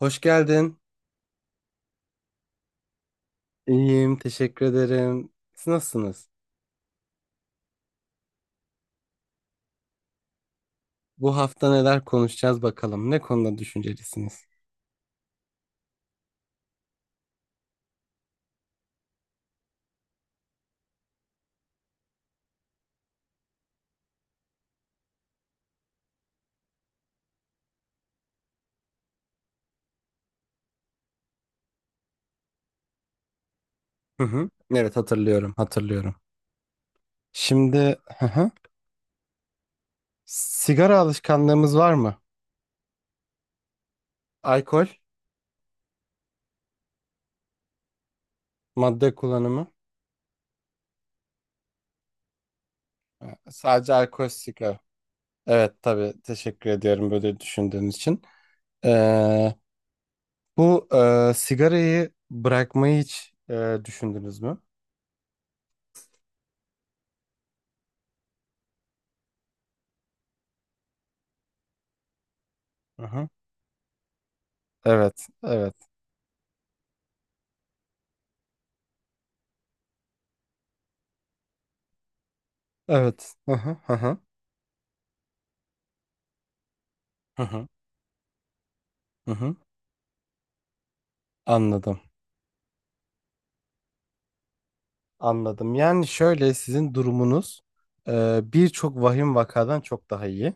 Hoş geldin. İyiyim, teşekkür ederim. Siz nasılsınız? Bu hafta neler konuşacağız bakalım. Ne konuda düşüncelisiniz? Hı hı. Evet, hatırlıyorum, hatırlıyorum. Şimdi, hı hı. Sigara alışkanlığımız var mı? Alkol, madde kullanımı. Sadece alkol, sigara. Evet, tabii. Teşekkür ediyorum böyle düşündüğün için. Ee, bu sigarayı bırakmayı hiç düşündünüz mü? Hı hı. Evet, evet, evet. Hı hı, hı hı. Hı hı. Hı hı. Anladım, anladım. Yani şöyle sizin durumunuz birçok vahim vakadan çok daha iyi.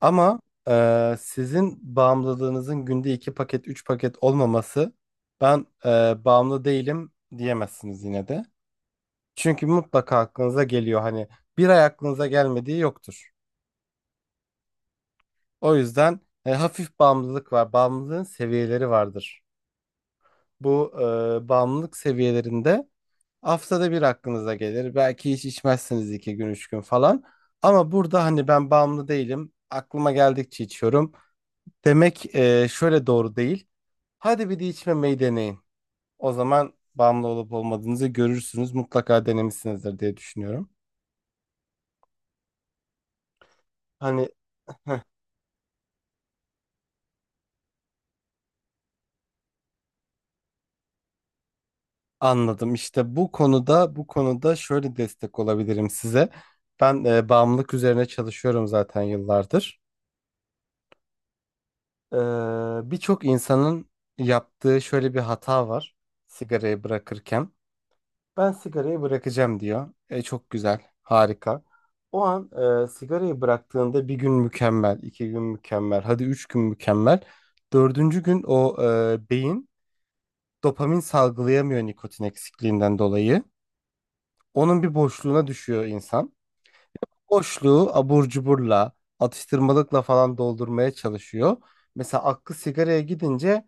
Ama sizin bağımlılığınızın günde iki paket, üç paket olmaması ben bağımlı değilim diyemezsiniz yine de. Çünkü mutlaka aklınıza geliyor hani bir ay aklınıza gelmediği yoktur. O yüzden hafif bağımlılık var. Bağımlılığın seviyeleri vardır. Bu bağımlılık seviyelerinde haftada bir aklınıza gelir. Belki hiç içmezsiniz iki gün, üç gün falan. Ama burada hani ben bağımlı değilim. Aklıma geldikçe içiyorum. Demek şöyle doğru değil. Hadi bir de içmemeyi deneyin. O zaman bağımlı olup olmadığınızı görürsünüz. Mutlaka denemişsinizdir diye düşünüyorum. Hani anladım. İşte bu konuda şöyle destek olabilirim size. Ben bağımlılık üzerine çalışıyorum zaten yıllardır. Ee, Birçok insanın yaptığı şöyle bir hata var sigarayı bırakırken. Ben sigarayı bırakacağım diyor. E, çok güzel, harika. O an sigarayı bıraktığında bir gün mükemmel, iki gün mükemmel, hadi üç gün mükemmel. Dördüncü gün o beyin dopamin salgılayamıyor nikotin eksikliğinden dolayı. Onun bir boşluğuna düşüyor insan. Boşluğu abur cuburla, atıştırmalıkla falan doldurmaya çalışıyor. Mesela aklı sigaraya gidince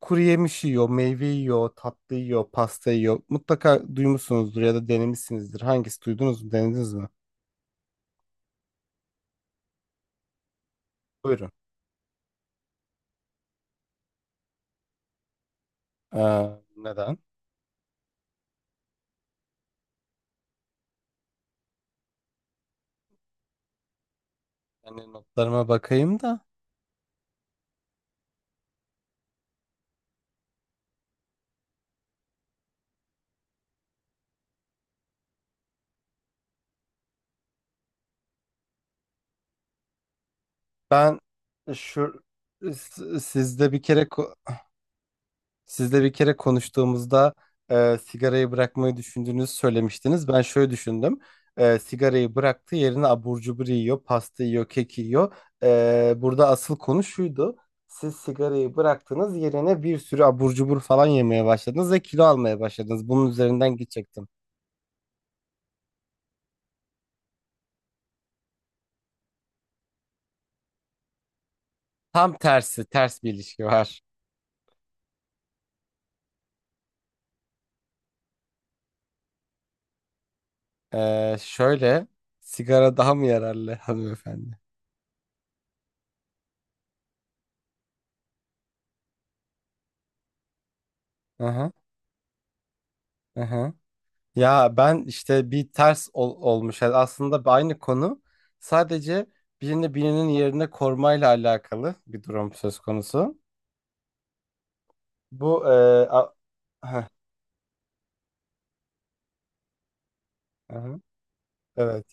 kuru yemiş yiyor, meyve yiyor, tatlı yiyor, pasta yiyor. Mutlaka duymuşsunuzdur ya da denemişsinizdir. Hangisi duydunuz mu, denediniz mi? Buyurun. Ee, Neden? Yani notlarıma bakayım da. Ben şu s- sizde bir kere ko- Sizle bir kere konuştuğumuzda sigarayı bırakmayı düşündüğünüzü söylemiştiniz. Ben şöyle düşündüm. E, sigarayı bıraktı, yerine abur cubur yiyor, pasta yiyor, kek yiyor. E, burada asıl konu şuydu. Siz sigarayı bıraktınız, yerine bir sürü abur cubur falan yemeye başladınız ve kilo almaya başladınız. Bunun üzerinden gidecektim. Tam tersi, ters bir ilişki var. E, şöyle, sigara daha mı yararlı hanımefendi? Aha, aha. Ya ben işte bir ters olmuş. Yani aslında aynı konu. Sadece birini birinin yerine korumayla alakalı bir durum söz konusu. Bu e, a- Heh, aha, evet.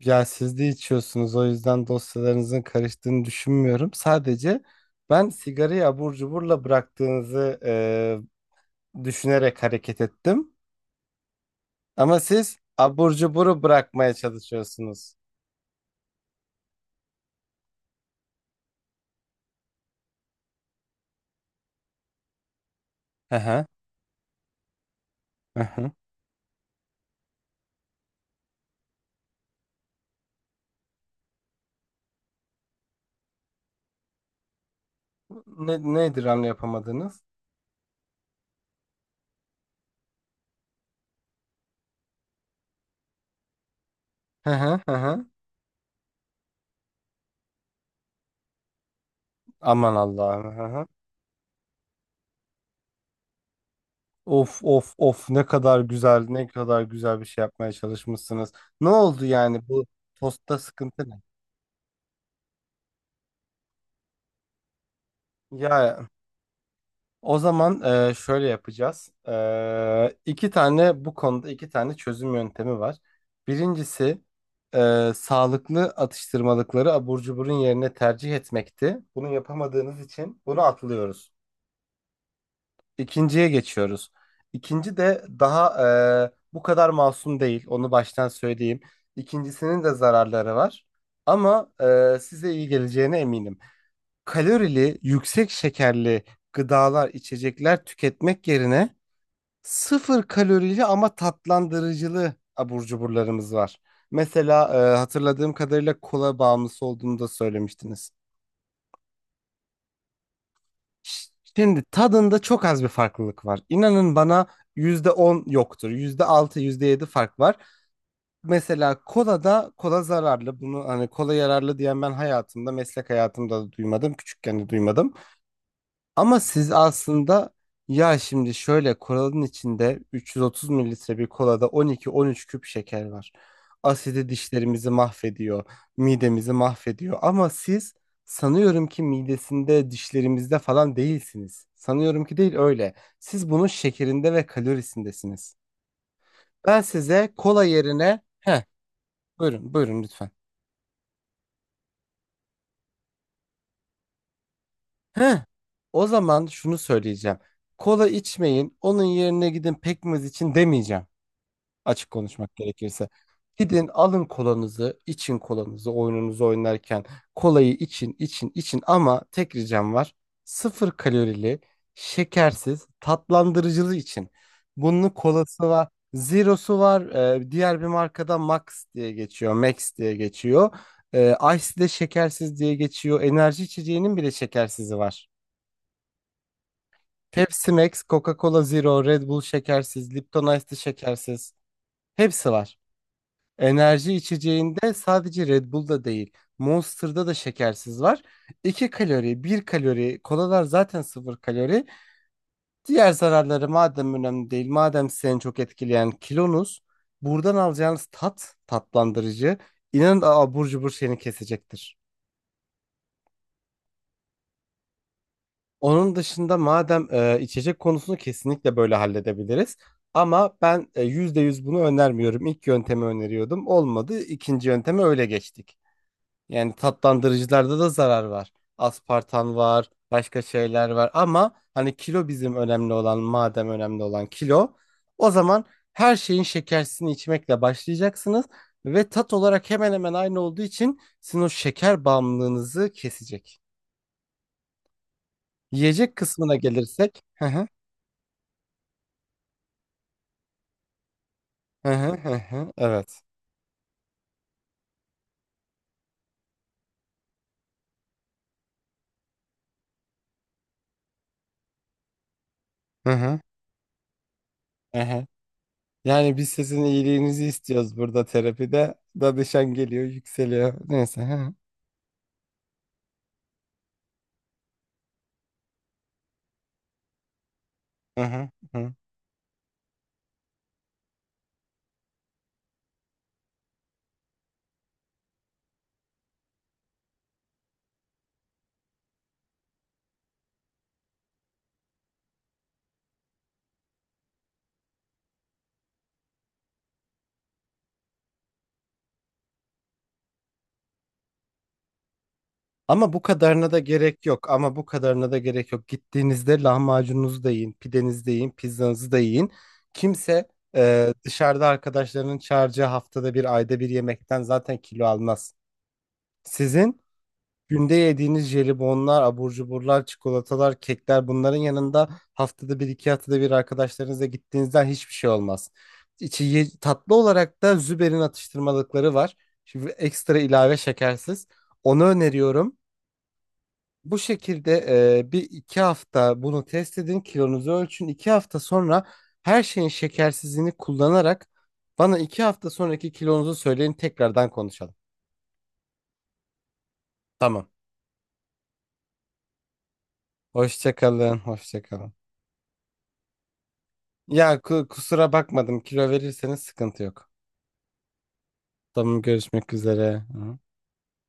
Ya siz de içiyorsunuz o yüzden dosyalarınızın karıştığını düşünmüyorum. Sadece ben sigarayı abur cuburla bıraktığınızı düşünerek hareket ettim. Ama siz abur cuburu bırakmaya çalışıyorsunuz. Aha, aha. Ne, nedir hamle yapamadınız? Hı hı hı. Hı. Aman Allah'ım. Hı hı. Of of of ne kadar güzel ne kadar güzel bir şey yapmaya çalışmışsınız. Ne oldu yani bu tostta sıkıntı ne? Ya o zaman şöyle yapacağız. E, iki tane bu konuda iki tane çözüm yöntemi var. Birincisi sağlıklı atıştırmalıkları abur cuburun yerine tercih etmekti. Bunu yapamadığınız için bunu atlıyoruz. İkinciye geçiyoruz. İkinci de daha bu kadar masum değil. Onu baştan söyleyeyim. İkincisinin de zararları var. Ama size iyi geleceğine eminim. Kalorili, yüksek şekerli gıdalar, içecekler tüketmek yerine sıfır kalorili ama tatlandırıcılı abur cuburlarımız var. Mesela hatırladığım kadarıyla kola bağımlısı olduğunu da söylemiştiniz. Şimdi tadında çok az bir farklılık var. İnanın bana %10 yoktur. Yüzde altı yüzde yedi fark var. Mesela kola da kola zararlı. Bunu hani kola yararlı diyen ben hayatımda, meslek hayatımda da duymadım. Küçükken de duymadım. Ama siz aslında ya şimdi şöyle kolanın içinde 330 mililitre bir kolada 12-13 küp şeker var. Asidi dişlerimizi mahvediyor, midemizi mahvediyor. Ama siz sanıyorum ki midesinde, dişlerimizde falan değilsiniz. Sanıyorum ki değil öyle. Siz bunun şekerinde ve kalorisindesiniz. Ben size kola yerine... Heh, buyurun, buyurun lütfen. Heh, o zaman şunu söyleyeceğim. Kola içmeyin, onun yerine gidin pekmez için demeyeceğim. Açık konuşmak gerekirse. Gidin alın kolanızı, için kolanızı oyununuzu oynarken. Kolayı için, için, için ama tek ricam var. Sıfır kalorili, şekersiz, tatlandırıcılı için. Bunun kolası var, zero'su var. Diğer bir markada Max diye geçiyor, Max diye geçiyor. Ice de şekersiz diye geçiyor. Enerji içeceğinin bile şekersizi var. Pepsi Max, Coca-Cola Zero, Red Bull şekersiz, Lipton Ice de şekersiz. Hepsi var. Enerji içeceğinde sadece Red Bull'da değil, Monster'da da şekersiz var. 2 kalori, bir kalori, kolalar zaten sıfır kalori. Diğer zararları madem önemli değil, madem seni çok etkileyen kilonuz, buradan alacağınız tat, tatlandırıcı, inanın abur cubur seni kesecektir. Onun dışında madem içecek konusunu kesinlikle böyle halledebiliriz. Ama ben %100 bunu önermiyorum. İlk yöntemi öneriyordum. Olmadı. İkinci yönteme öyle geçtik. Yani tatlandırıcılarda da zarar var. Aspartan var, başka şeyler var ama hani kilo bizim önemli olan, madem önemli olan kilo, o zaman her şeyin şekersini içmekle başlayacaksınız ve tat olarak hemen hemen aynı olduğu için sizin o şeker bağımlılığınızı kesecek. Yiyecek kısmına gelirsek, hı hı, hı hı, hı hı, evet. Hı hı, hı hı. Yani biz sizin iyiliğinizi istiyoruz burada terapide. Danışan geliyor, yükseliyor. Neyse. Hı hı, hı hı. Ama bu kadarına da gerek yok. Ama bu kadarına da gerek yok. Gittiğinizde lahmacununuzu da yiyin, pidenizi de yiyin, pizzanızı da yiyin. Kimse dışarıda arkadaşlarının çağıracağı haftada bir, ayda bir yemekten zaten kilo almaz. Sizin günde yediğiniz jelibonlar, abur cuburlar, çikolatalar, kekler bunların yanında haftada bir, iki haftada bir arkadaşlarınızla gittiğinizden hiçbir şey olmaz. Tatlı olarak da Züber'in atıştırmalıkları var. Şimdi ekstra ilave şekersiz. Onu öneriyorum. Bu şekilde bir iki hafta bunu test edin, kilonuzu ölçün. 2 hafta sonra her şeyin şekersizliğini kullanarak bana 2 hafta sonraki kilonuzu söyleyin tekrardan konuşalım. Tamam. Hoşça kalın, hoşça kalın. Kusura bakmadım. Kilo verirseniz sıkıntı yok. Tamam görüşmek üzere. Hı.